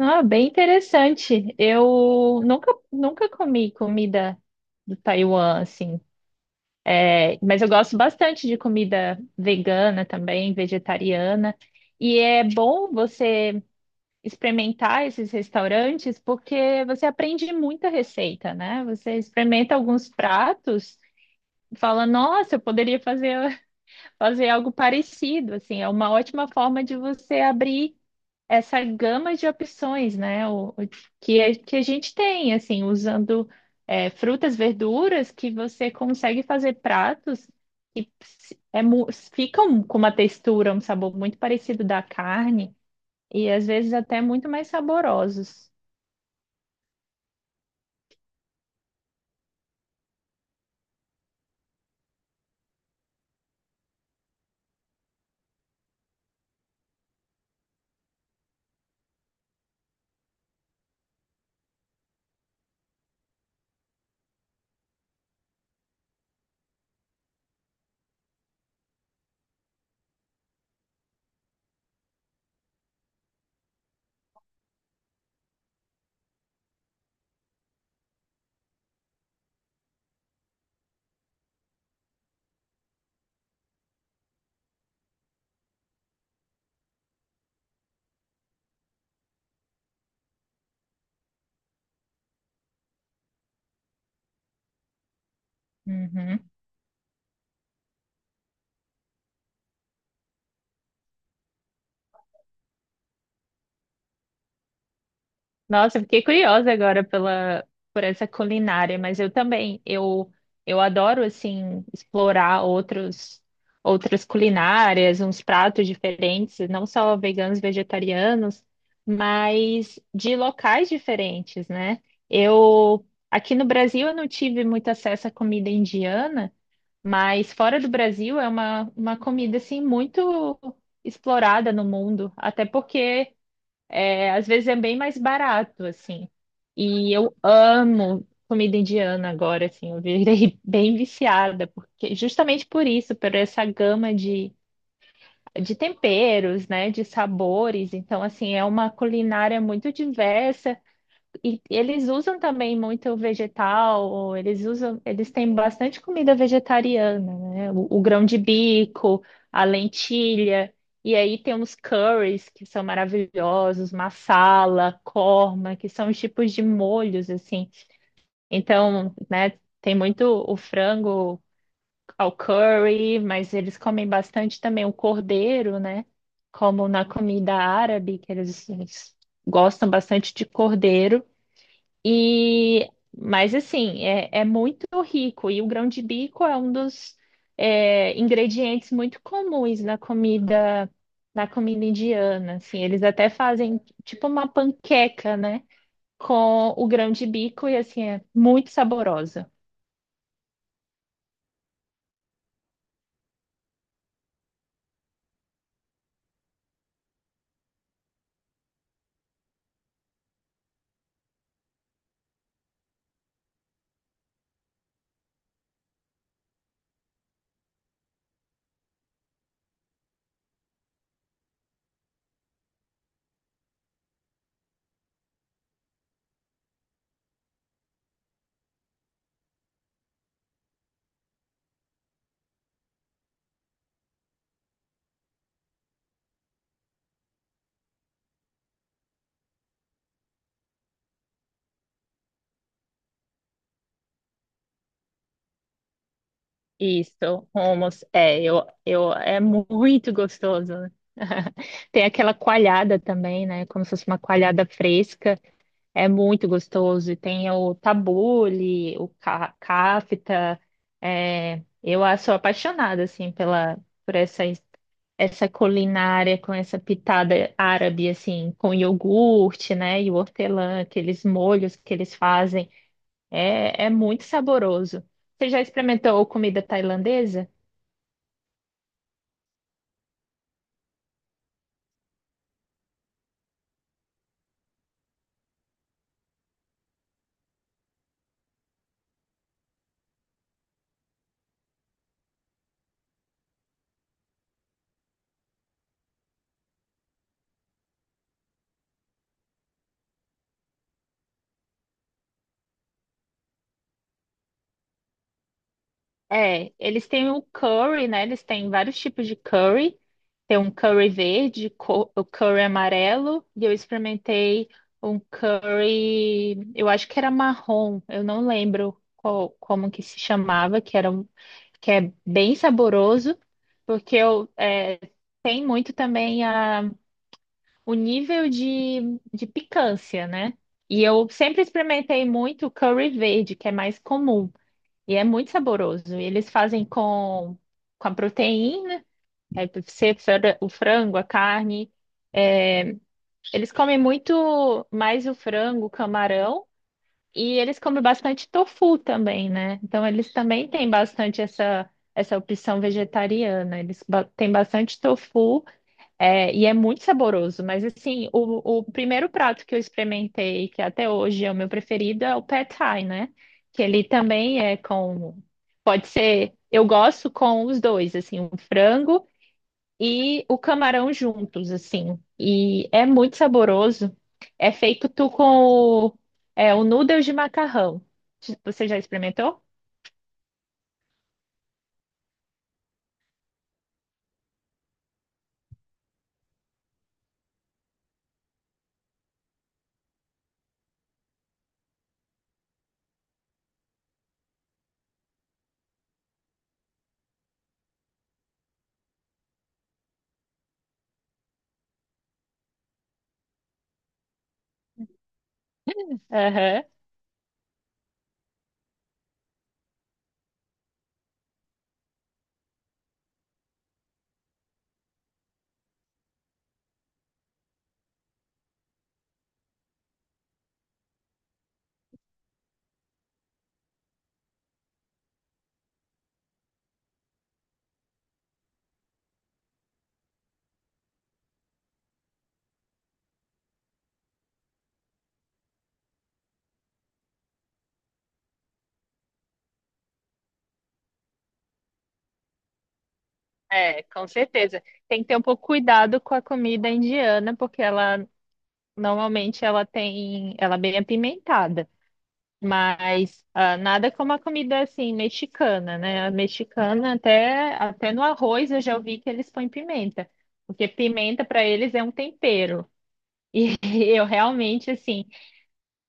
Ah, bem interessante. Eu nunca comi comida do Taiwan, assim. É, mas eu gosto bastante de comida vegana também, vegetariana. E é bom você experimentar esses restaurantes porque você aprende muita receita, né? Você experimenta alguns pratos e fala, nossa, eu poderia fazer, fazer algo parecido, assim. É uma ótima forma de você abrir essa gama de opções, né? Que a gente tem, assim, usando frutas, verduras, que você consegue fazer pratos que se- é mu- ficam com uma textura, um sabor muito parecido da carne e às vezes até muito mais saborosos. Uhum. Nossa, eu fiquei curiosa agora por essa culinária, mas eu também, eu adoro, assim, explorar outras culinárias, uns pratos diferentes, não só veganos, vegetarianos, mas de locais diferentes, né? Eu, aqui no Brasil, eu não tive muito acesso à comida indiana, mas fora do Brasil é uma comida, assim, muito explorada no mundo, até porque... É, às vezes é bem mais barato, assim. E eu amo comida indiana agora, assim. Eu virei bem viciada, porque justamente por isso, por essa gama de temperos, né, de sabores. Então, assim, é uma culinária muito diversa e eles usam também muito vegetal, eles usam, eles têm bastante comida vegetariana, né? O grão de bico, a lentilha, e aí tem uns curries que são maravilhosos, masala, korma, que são os tipos de molhos assim. Então, né, tem muito o frango ao curry, mas eles comem bastante também o cordeiro, né? Como na comida árabe, que eles gostam bastante de cordeiro. E, mas assim, é muito rico e o grão de bico é um dos ingredientes muito comuns na comida indiana. Assim, eles até fazem tipo uma panqueca, né, com o grão de bico e assim é muito saborosa. Isso, hummus, é, é muito gostoso. Tem aquela coalhada também, né? Como se fosse uma coalhada fresca, é muito gostoso. E tem o tabule, o kafta. Sou apaixonada, assim, pela, por essa, essa culinária com essa pitada árabe, assim, com iogurte, né? E o hortelã, aqueles molhos que eles fazem. É, é muito saboroso. Você já experimentou comida tailandesa? É, eles têm o curry, né? Eles têm vários tipos de curry. Tem um curry verde, o curry amarelo, e eu experimentei um curry, eu acho que era marrom, eu não lembro como que se chamava, que é bem saboroso, porque tem muito também o nível de picância, né? E eu sempre experimentei muito curry verde, que é mais comum, e é muito saboroso. E eles fazem com a proteína, aí deve ser o frango, a carne. Eles comem muito mais o frango, o camarão, e eles comem bastante tofu também, né? Então eles também têm bastante essa opção vegetariana. Têm bastante tofu. É, e é muito saboroso, mas assim, o primeiro prato que eu experimentei, que até hoje é o meu preferido, é o Pad Thai, né? Que ele também é com. Pode ser. Eu gosto com os dois, assim, o frango e o camarão juntos, assim. E é muito saboroso. É feito tu com o o noodle de macarrão. Você já experimentou? Aham. É, com certeza. Tem que ter um pouco cuidado com a comida indiana, porque ela normalmente ela tem, ela é bem apimentada, mas ah, nada como a comida assim mexicana, né? A mexicana até no arroz eu já ouvi que eles põem pimenta, porque pimenta para eles é um tempero. E eu realmente assim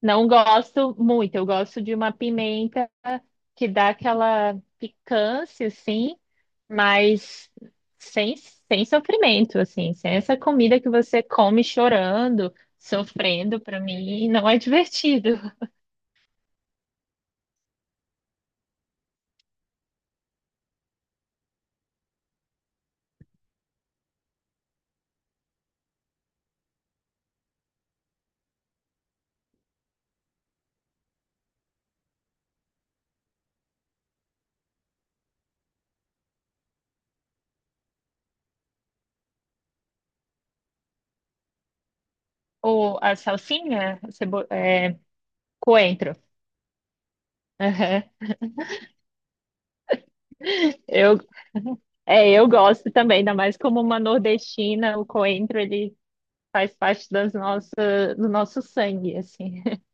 não gosto muito. Eu gosto de uma pimenta que dá aquela picância, assim, mas sem sofrimento, assim, sem essa comida que você come chorando, sofrendo, para mim não é divertido. Ou a salsinha, coentro. Aham. Eu, eu gosto também, ainda mais como uma nordestina, o coentro, ele faz parte do nosso sangue, assim.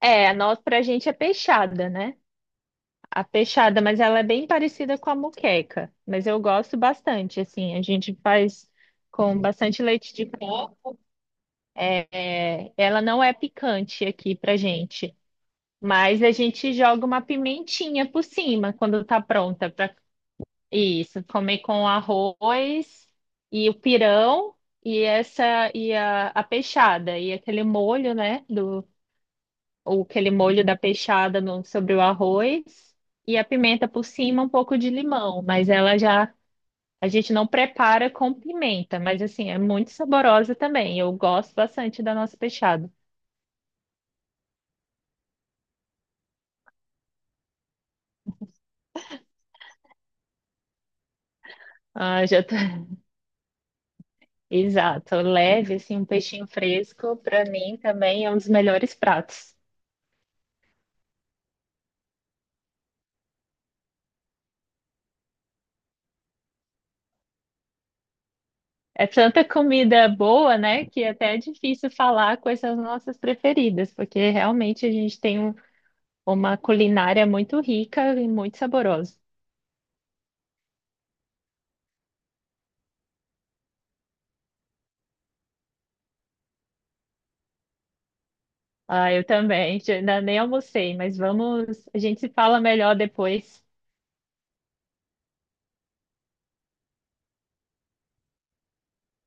É, a nossa, pra gente é peixada, né? A peixada, mas ela é bem parecida com a moqueca. Mas eu gosto bastante, assim. A gente faz com bastante leite de coco. É, ela não é picante aqui pra gente. Mas a gente joga uma pimentinha por cima quando tá pronta para isso. Comer com arroz e o pirão e a peixada e aquele molho, né, o aquele molho da peixada no, sobre o arroz e a pimenta por cima, um pouco de limão, mas ela já a gente não prepara com pimenta, mas assim, é muito saborosa também. Eu gosto bastante da nossa peixada. Ah, já tá... Exato, leve assim um peixinho fresco para mim também é um dos melhores pratos. É tanta comida boa, né, que até é difícil falar quais são as nossas preferidas, porque realmente a gente tem uma culinária muito rica e muito saborosa. Ah, eu também. Já- Ainda nem almocei, mas vamos. A gente se fala melhor depois.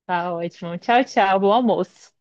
Tá ótimo. Tchau, tchau. Bom almoço.